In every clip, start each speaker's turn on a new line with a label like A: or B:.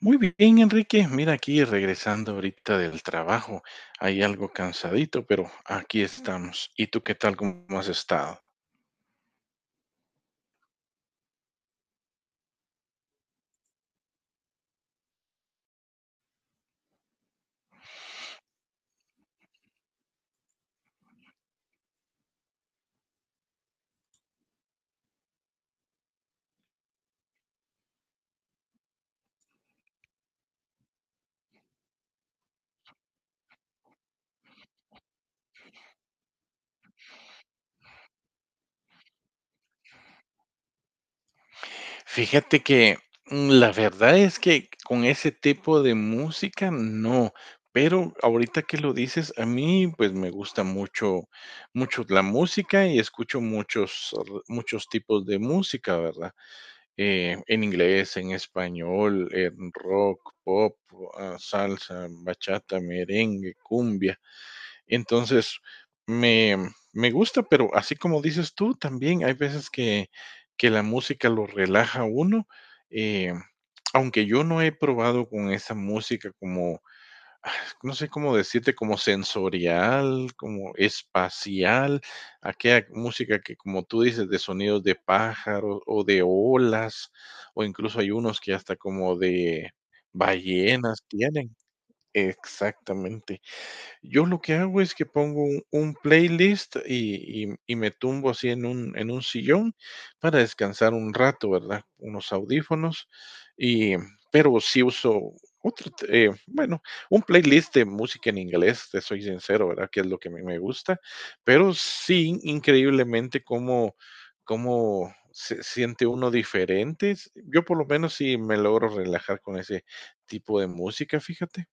A: Muy bien, Enrique. Mira, aquí regresando ahorita del trabajo. Hay algo cansadito, pero aquí estamos. ¿Y tú qué tal? ¿Cómo has estado? Fíjate que la verdad es que con ese tipo de música no, pero ahorita que lo dices, a mí pues me gusta mucho, mucho la música y escucho muchos tipos de música, ¿verdad? En inglés, en español, en rock, pop, salsa, bachata, merengue, cumbia. Entonces, me, me gusta, pero así como dices tú, también hay veces que la música lo relaja a uno. eh, Aunque yo no he probado con esa música como no sé cómo decirte, como sensorial, como espacial, aquella música que, como tú dices, de sonidos de pájaros o de olas, o incluso hay unos que hasta como de ballenas tienen. Exactamente. Yo lo que hago es que pongo un playlist y, y me tumbo así en en un sillón para descansar un rato, ¿verdad? Unos audífonos y, pero sí uso otro, t- eh, bueno, un playlist de música en inglés, te soy sincero, ¿verdad? Que es lo que me gusta, pero sí, increíblemente cómo se siente uno diferente. Yo por lo menos sí me logro relajar con ese tipo de música, fíjate.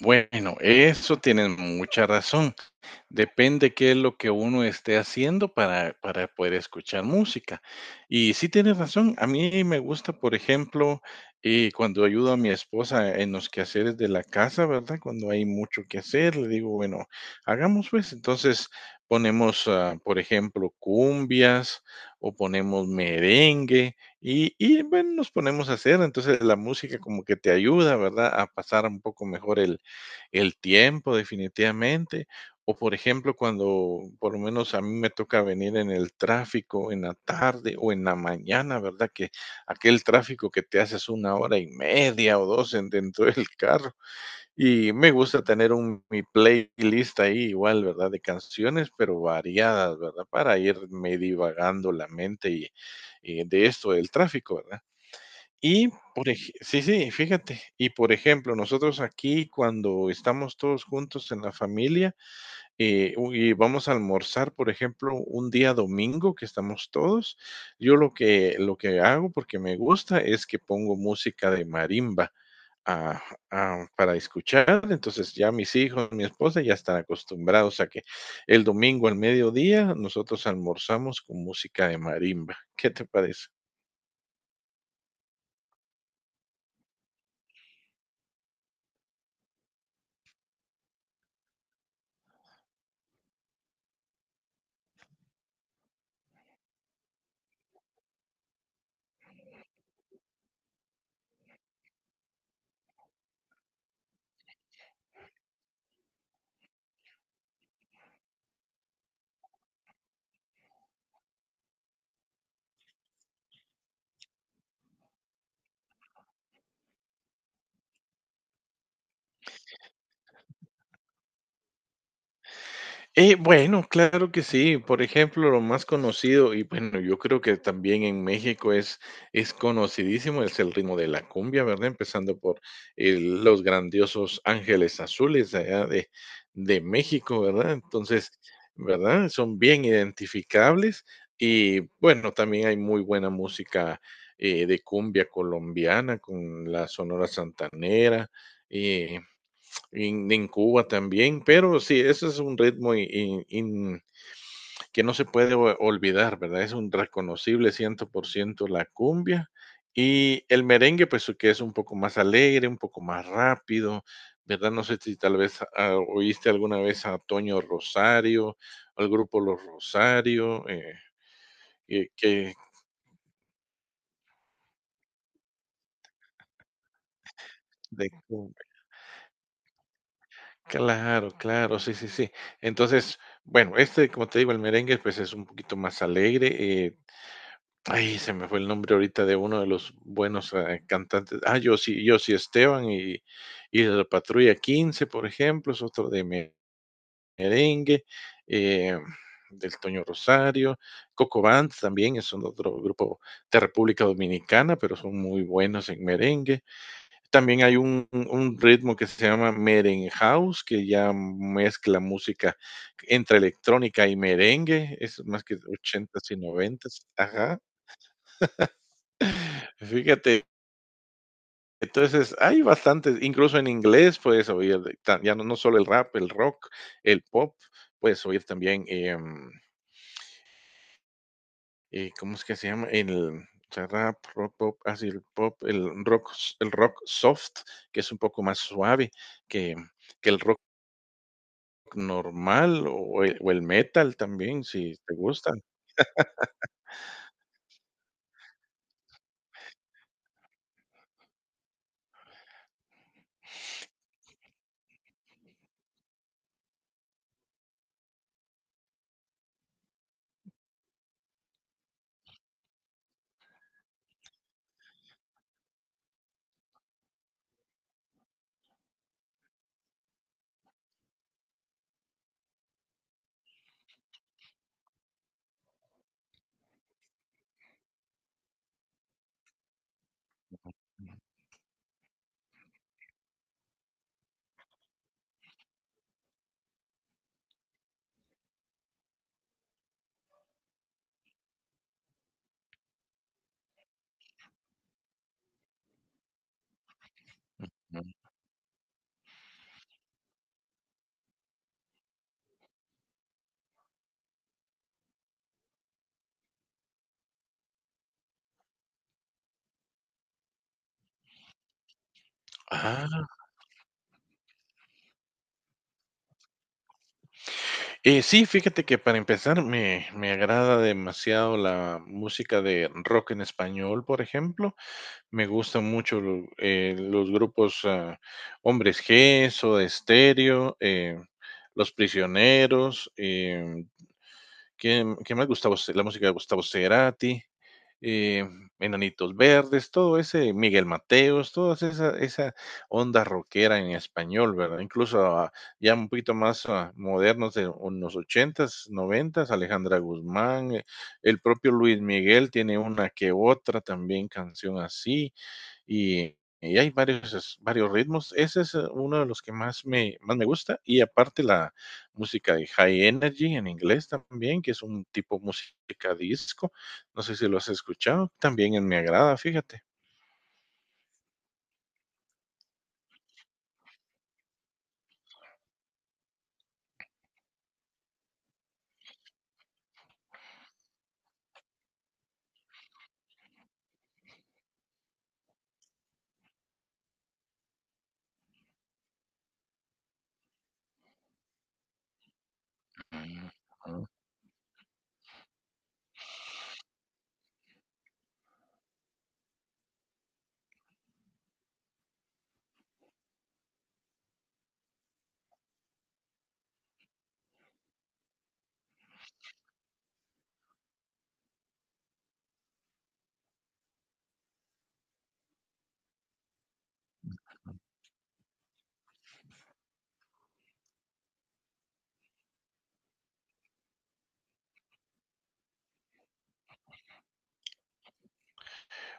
A: Bueno, eso tienen mucha razón. Depende qué es lo que uno esté haciendo para poder escuchar música. Y sí tienes razón, a mí me gusta, por ejemplo, cuando ayudo a mi esposa en los quehaceres de la casa, ¿verdad? Cuando hay mucho que hacer, le digo, bueno, hagamos pues. Entonces ponemos, por ejemplo, cumbias o ponemos merengue y bueno, nos ponemos a hacer. Entonces la música como que te ayuda, ¿verdad? A pasar un poco mejor el tiempo definitivamente. O por ejemplo, cuando por lo menos a mí me toca venir en el tráfico en la tarde o en la mañana, ¿verdad? Que aquel tráfico que te haces una hora y media o dos dentro del carro. Y me gusta tener mi playlist ahí igual, ¿verdad? De canciones, pero variadas, ¿verdad? Para irme divagando la mente y de esto del tráfico, ¿verdad? Y, por ej sí, sí, fíjate. Y, por ejemplo, nosotros aquí cuando estamos todos juntos en la familia, u y vamos a almorzar, por ejemplo, un día domingo que estamos todos, yo lo que hago, porque me gusta, es que pongo música de marimba, ah, para escuchar. Entonces, ya mis hijos, mi esposa ya están acostumbrados a que el domingo al mediodía nosotros almorzamos con música de marimba. ¿Qué te parece? Bueno, claro que sí. Por ejemplo, lo más conocido, y bueno, yo creo que también en México es conocidísimo, es el ritmo de la cumbia, ¿verdad? Empezando por los grandiosos Ángeles Azules de allá de México, ¿verdad? Entonces, ¿verdad? Son bien identificables y bueno, también hay muy buena música de cumbia colombiana con la Sonora Santanera. eh, en Cuba también, pero sí, ese es un ritmo que no se puede olvidar, ¿verdad? Es un reconocible 100% la cumbia y el merengue, pues que es un poco más alegre, un poco más rápido, ¿verdad? No sé si tal vez oíste alguna vez a Toño Rosario, al grupo Los Rosario, que de cumbia. Claro, claro, sí, sí, sí. Entonces, bueno, este, como te digo, el merengue, pues es un poquito más alegre, ay, se me fue el nombre ahorita de uno de los buenos cantantes. Yo sí Esteban y de la Patrulla 15, por ejemplo, es otro de merengue, eh, del Toño Rosario, Coco Bands también es un otro grupo de República Dominicana, pero son muy buenos en merengue. También hay un, un ritmo que se llama Merengue House, que ya mezcla música entre electrónica y merengue, es más que 80s y 90s, ajá. Fíjate, entonces hay bastantes, incluso en inglés puedes oír, ya no, no solo el rap, el rock, el pop, puedes oír también, ¿cómo es que se llama? El o sea, rap, rock, pop, así el pop, el rock, el rock soft, que es un poco más suave que, que el rock normal o el metal también, si te gusta. Mm, ah, sí, fíjate que para empezar me agrada demasiado la música de rock en español, por ejemplo, me gustan mucho los grupos Hombres G, Soda Stereo, Los Prisioneros. ¿Qué más? La música de Gustavo Cerati, eh, Enanitos Verdes, todo ese, Miguel Mateos, toda esa onda rockera en español, ¿verdad? Incluso ya un poquito más modernos de unos ochentas, noventas, Alejandra Guzmán, el propio Luis Miguel tiene una que otra también canción así y hay varios ritmos. Ese es uno de los que más más me gusta. Y aparte la música de High Energy en inglés también, que es un tipo música disco. No sé si lo has escuchado. También me agrada, fíjate.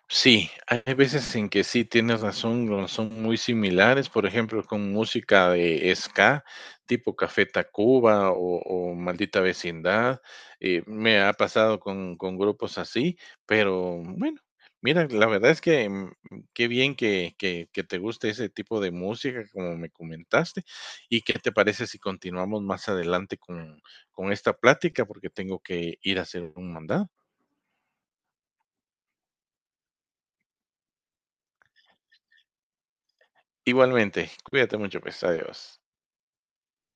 A: Sí, hay veces en que sí tienes razón, no son muy similares, por ejemplo, con música de ska, tipo Café Tacuba o Maldita Vecindad, me ha pasado con grupos así, pero bueno, mira, la verdad es que qué bien que te guste ese tipo de música, como me comentaste, y qué te parece si continuamos más adelante con esta plática, porque tengo que ir a hacer un mandado. Igualmente, cuídate mucho, pues, adiós.